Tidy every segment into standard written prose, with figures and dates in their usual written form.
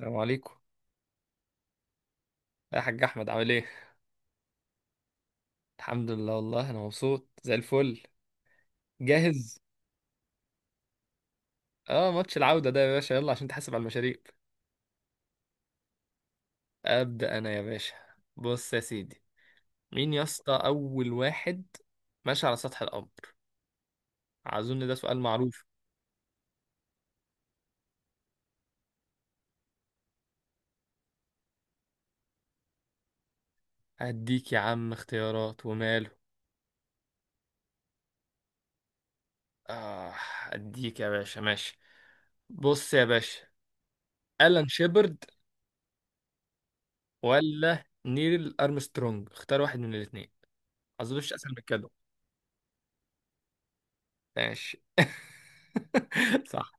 السلام عليكم، يا حاج احمد عامل ايه؟ الحمد لله، والله انا مبسوط زي الفل. جاهز. اه، ماتش العودة ده يا باشا، يلا عشان تحاسب على المشاريب. ابدا انا يا باشا. بص يا سيدي، مين يا اسطى اول واحد ماشي على سطح القمر؟ اظن ده سؤال معروف. هديك يا عم اختيارات وماله. اه، هديك يا باشا، ماشي. بص يا باشا، ألان شيبرد ولا نيل أرمسترونج؟ اختار واحد من الاثنين، اظن مفيش اسهل من كده. ماشي. صح،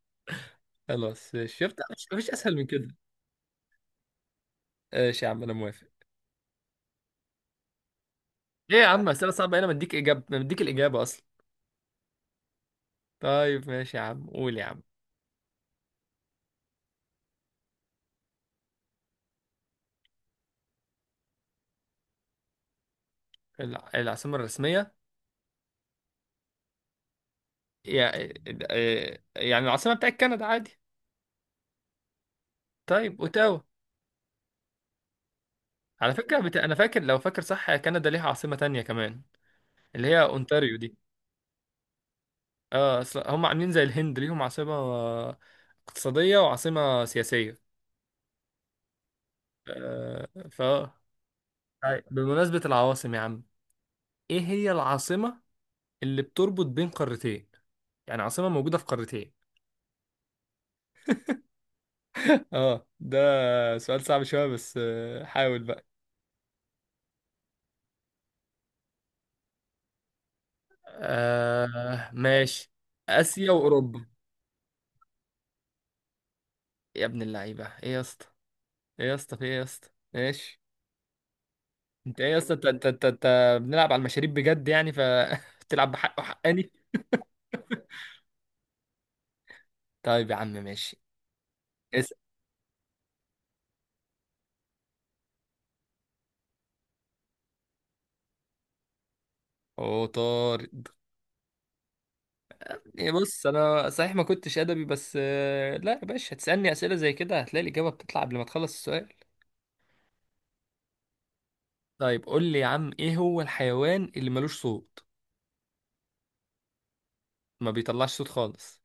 خلاص شفت مفيش اسهل من كده. ماشي يا عم، انا موافق. ايه يا عم اسئله صعبه، انا مديك اجابه، مديك الاجابه اصلا. طيب ماشي يا عم، قول يا عم. العاصمه الرسميه. يعني العاصمه بتاعت كندا، عادي. طيب، اوتاوا. على فكره انا فاكر، لو فاكر صح، كندا ليها عاصمه تانية كمان، اللي هي اونتاريو دي. اه اصل هم عاملين زي الهند، ليهم عاصمه اقتصاديه، وعاصمه سياسيه آه، فا طيب، بمناسبه العواصم يا عم، ايه هي العاصمة اللي بتربط بين قارتين؟ يعني عاصمة موجودة في قارتين. اه ده سؤال صعب شوية بس حاول بقى. آه، ماشي. آسيا وأوروبا. يا ابن اللعيبة، ايه يا اسطى؟ ايه يا اسطى؟ في ايه يا اسطى؟ ماشي. انت ايه يا اسطى؟ انت بنلعب على المشاريب بجد يعني بتلعب بحق وحقاني. طيب يا عم، ماشي. اسأل. اوه، طارد. إيه، بص، انا صحيح ما كنتش ادبي، بس لا يا باشا، هتسألني اسئلة زي كده هتلاقي الإجابة بتطلع قبل ما تخلص السؤال. طيب قول لي يا عم، ايه هو الحيوان اللي ملوش صوت؟ ما بيطلعش صوت خالص،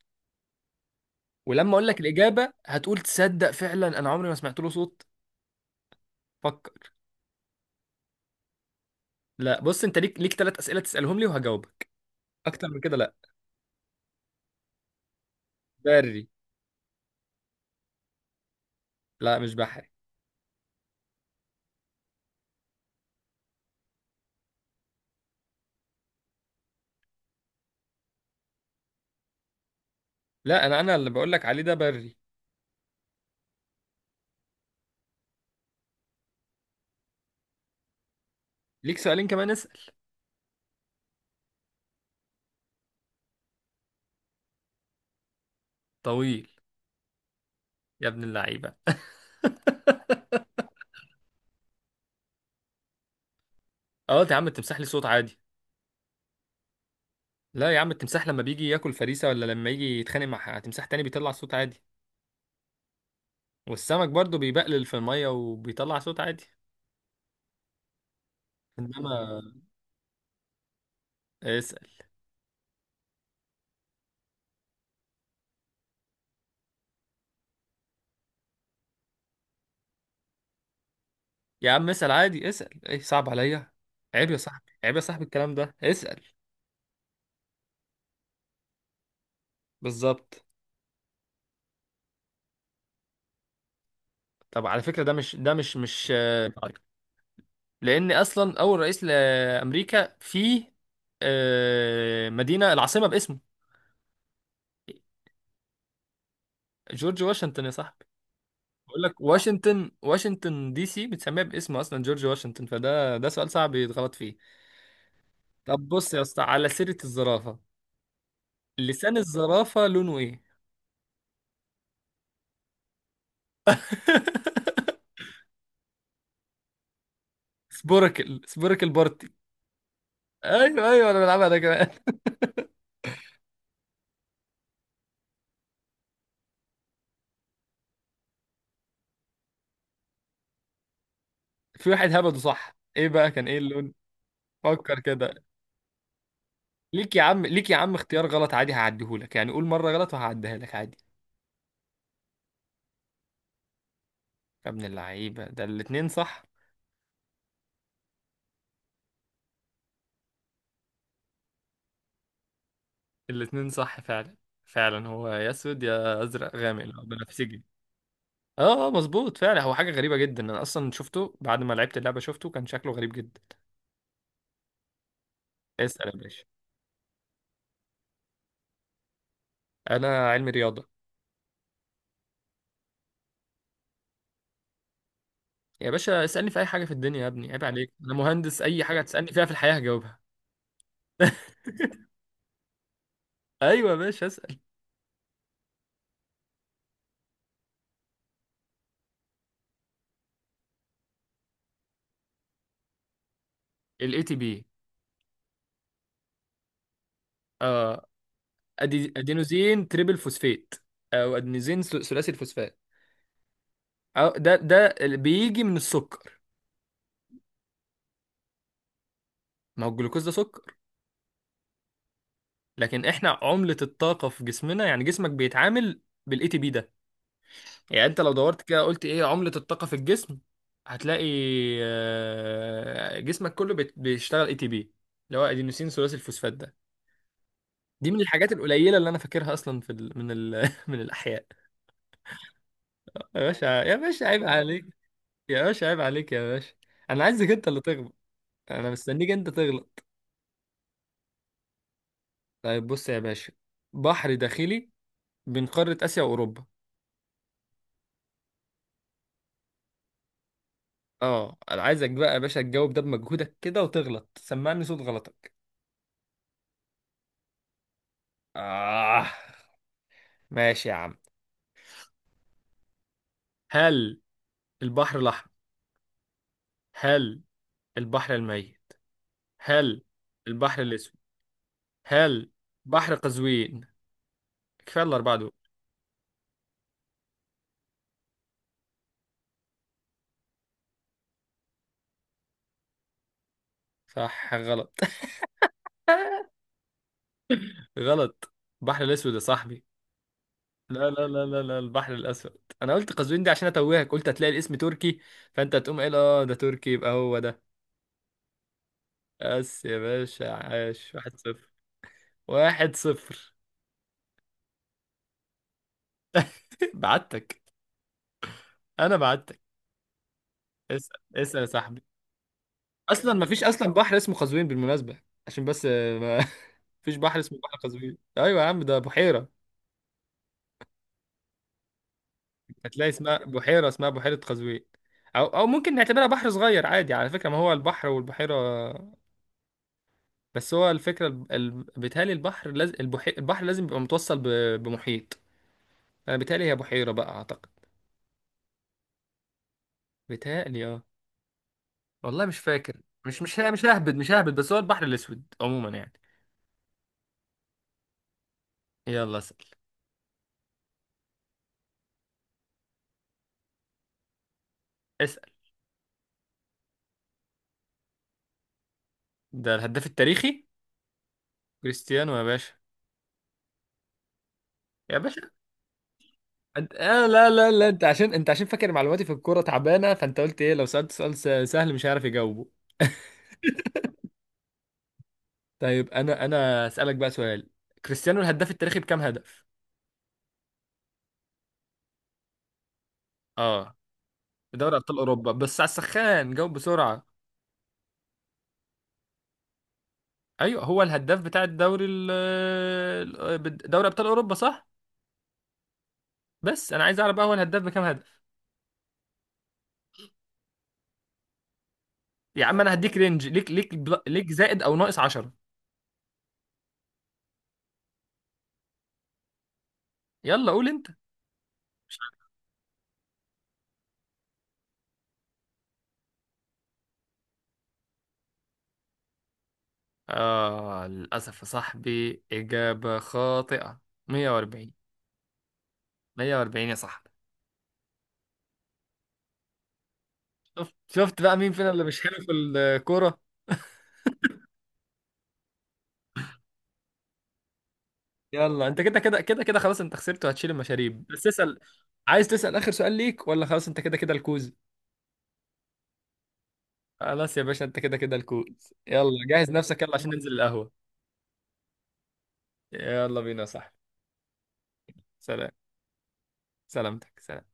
ولما اقول لك الاجابه هتقول تصدق فعلا انا عمري ما سمعت له صوت. فكر. لا، بص انت ليك ثلاث اسئله تسالهم لي وهجاوبك، اكتر من كده لا. بري. لا مش بحري. لا انا اللي بقول لك عليه ده بري. ليك سؤالين كمان، اسال. طويل. يا ابن اللعيبه، اه يا عم التمساح ليه صوت عادي. لا يا عم، التمساح لما بيجي ياكل فريسه، ولا لما يجي يتخانق مع تمساح تاني، بيطلع صوت عادي. والسمك برضه بيبقلل في الميه وبيطلع صوت عادي. انما. اسال يا عم، اسال عادي، اسال. ايه صعب عليا؟ عيب يا صاحبي، عيب يا صاحبي، الكلام ده اسال. بالظبط. طب على فكره ده مش ده مش مش آه، لان اصلا اول رئيس لامريكا في مدينه العاصمه باسمه جورج واشنطن يا صاحبي. بقول لك واشنطن، واشنطن دي سي، بتسميها باسمه اصلا جورج واشنطن، فده سؤال صعب يتغلط فيه. طب بص يا اسطى، على سيره الزرافه، لسان الزرافه لونه ايه؟ سبوركل بارتي. ايوه، ايوه، انا بلعبها ده كمان. في واحد هبده صح. ايه بقى كان ايه اللون؟ فكر كده. ليك يا عم، ليك يا عم اختيار غلط عادي هعديهولك، يعني قول مره غلط وهعديها لك عادي. يا ابن اللعيبه، ده الاتنين صح. الاتنين صح فعلا، فعلا هو يا اسود يا ازرق غامق، اللي هو بنفسجي. اه، مظبوط فعلا. هو حاجه غريبه جدا، انا اصلا شفته بعد ما لعبت اللعبه شفته كان شكله غريب جدا. اسال يا باشا. انا علمي رياضه. يا باشا اسالني في اي حاجه في الدنيا، يا ابني عيب عليك، انا مهندس اي حاجه تسالني فيها في الحياه هجاوبها. ايوه يا باشا، اسال. الاي تي بي. اه. ادينوزين تريبل فوسفات، او ادينوزين ثلاثي الفوسفات. أو ده اللي بيجي من السكر. ما هو الجلوكوز ده سكر. لكن احنا عملة الطاقة في جسمنا، يعني جسمك بيتعامل بالاي تي بي ده. يعني انت لو دورت كده قلت ايه عملة الطاقة في الجسم، هتلاقي جسمك كله بيشتغل اي تي بي، اللي هو ادينوسين ثلاثي الفوسفات ده. دي من الحاجات القليلة اللي انا فاكرها اصلا في ال... من ال... من الاحياء. يا باشا، يا باشا عيب عليك. يا باشا، عيب عليك يا باشا. انا عايزك انت اللي تغلط. انا مستنيك انت تغلط. طيب بص يا باشا، بحر داخلي بين قارة اسيا واوروبا. اه، انا عايزك بقى يا باشا تجاوب ده بمجهودك كده وتغلط، سمعني صوت غلطك. اه، ماشي يا عم. هل البحر الاحمر؟ هل البحر الميت؟ هل البحر الاسود؟ هل بحر قزوين؟ كفايه الاربعه دول. صح غلط. غلط، البحر الاسود يا صاحبي. لا، لا، لا، لا، لا، البحر الأسود. أنا قلت قزوين دي عشان أتوهك، قلت هتلاقي الاسم تركي فأنت هتقوم قايل أه ده تركي يبقى هو ده. بس يا باشا، عاش، واحد صفر. واحد صفر. بعتك. أنا بعتك. اسأل، اسأل يا صاحبي. أصلا مفيش، أصلا بحر اسمه قزوين بالمناسبة، عشان بس ما مفيش بحر اسمه بحر قزوين. أيوة يا عم، ده بحيرة. هتلاقي اسمها بحيرة قزوين. أو ممكن نعتبرها بحر صغير عادي، على فكرة ما هو البحر والبحيرة. بس هو الفكرة بيتهيألي البحر لازم البحر لازم يبقى متوصل بمحيط. انا بيتهيألي هي بحيرة بقى، اعتقد. بيتهيألي اه، والله مش فاكر. مش ههبد، مش ههبد، بس هو البحر الاسود عموما يعني. يلا اسأل. اسأل. ده الهداف التاريخي. كريستيانو يا باشا. يا باشا، آه، لا، لا، لا، انت عشان فاكر معلوماتي في الكورة تعبانة، فانت قلت ايه لو سألت سؤال سهل مش هيعرف يجاوبه. طيب، انا اسألك بقى سؤال. كريستيانو، الهداف التاريخي، بكام هدف؟ اه. في دوري ابطال اوروبا، بس على السخان جاوب بسرعه. ايوه، هو الهداف بتاع الدوري دوري ابطال اوروبا، صح. بس انا عايز اعرف بقى هو الهداف بكام هدف. يا عم انا هديك رينج ليك زائد او ناقص 10. يلا قول انت. اه، للاسف يا صاحبي، اجابه خاطئه. 140. 140 يا صاحبي. شفت، شفت بقى مين فينا اللي مش حلو في الكوره؟ يلا انت كده كده كده كده خلاص، انت خسرت وهتشيل المشاريب. بس اسال. عايز تسال اخر سؤال ليك ولا خلاص انت كده كده الكوز؟ خلاص يا باشا، انت كده كده الكود. يلا جهز نفسك، يلا عشان ننزل القهوة. يلا بينا يا صاحبي. سلام. سلامتك. سلام.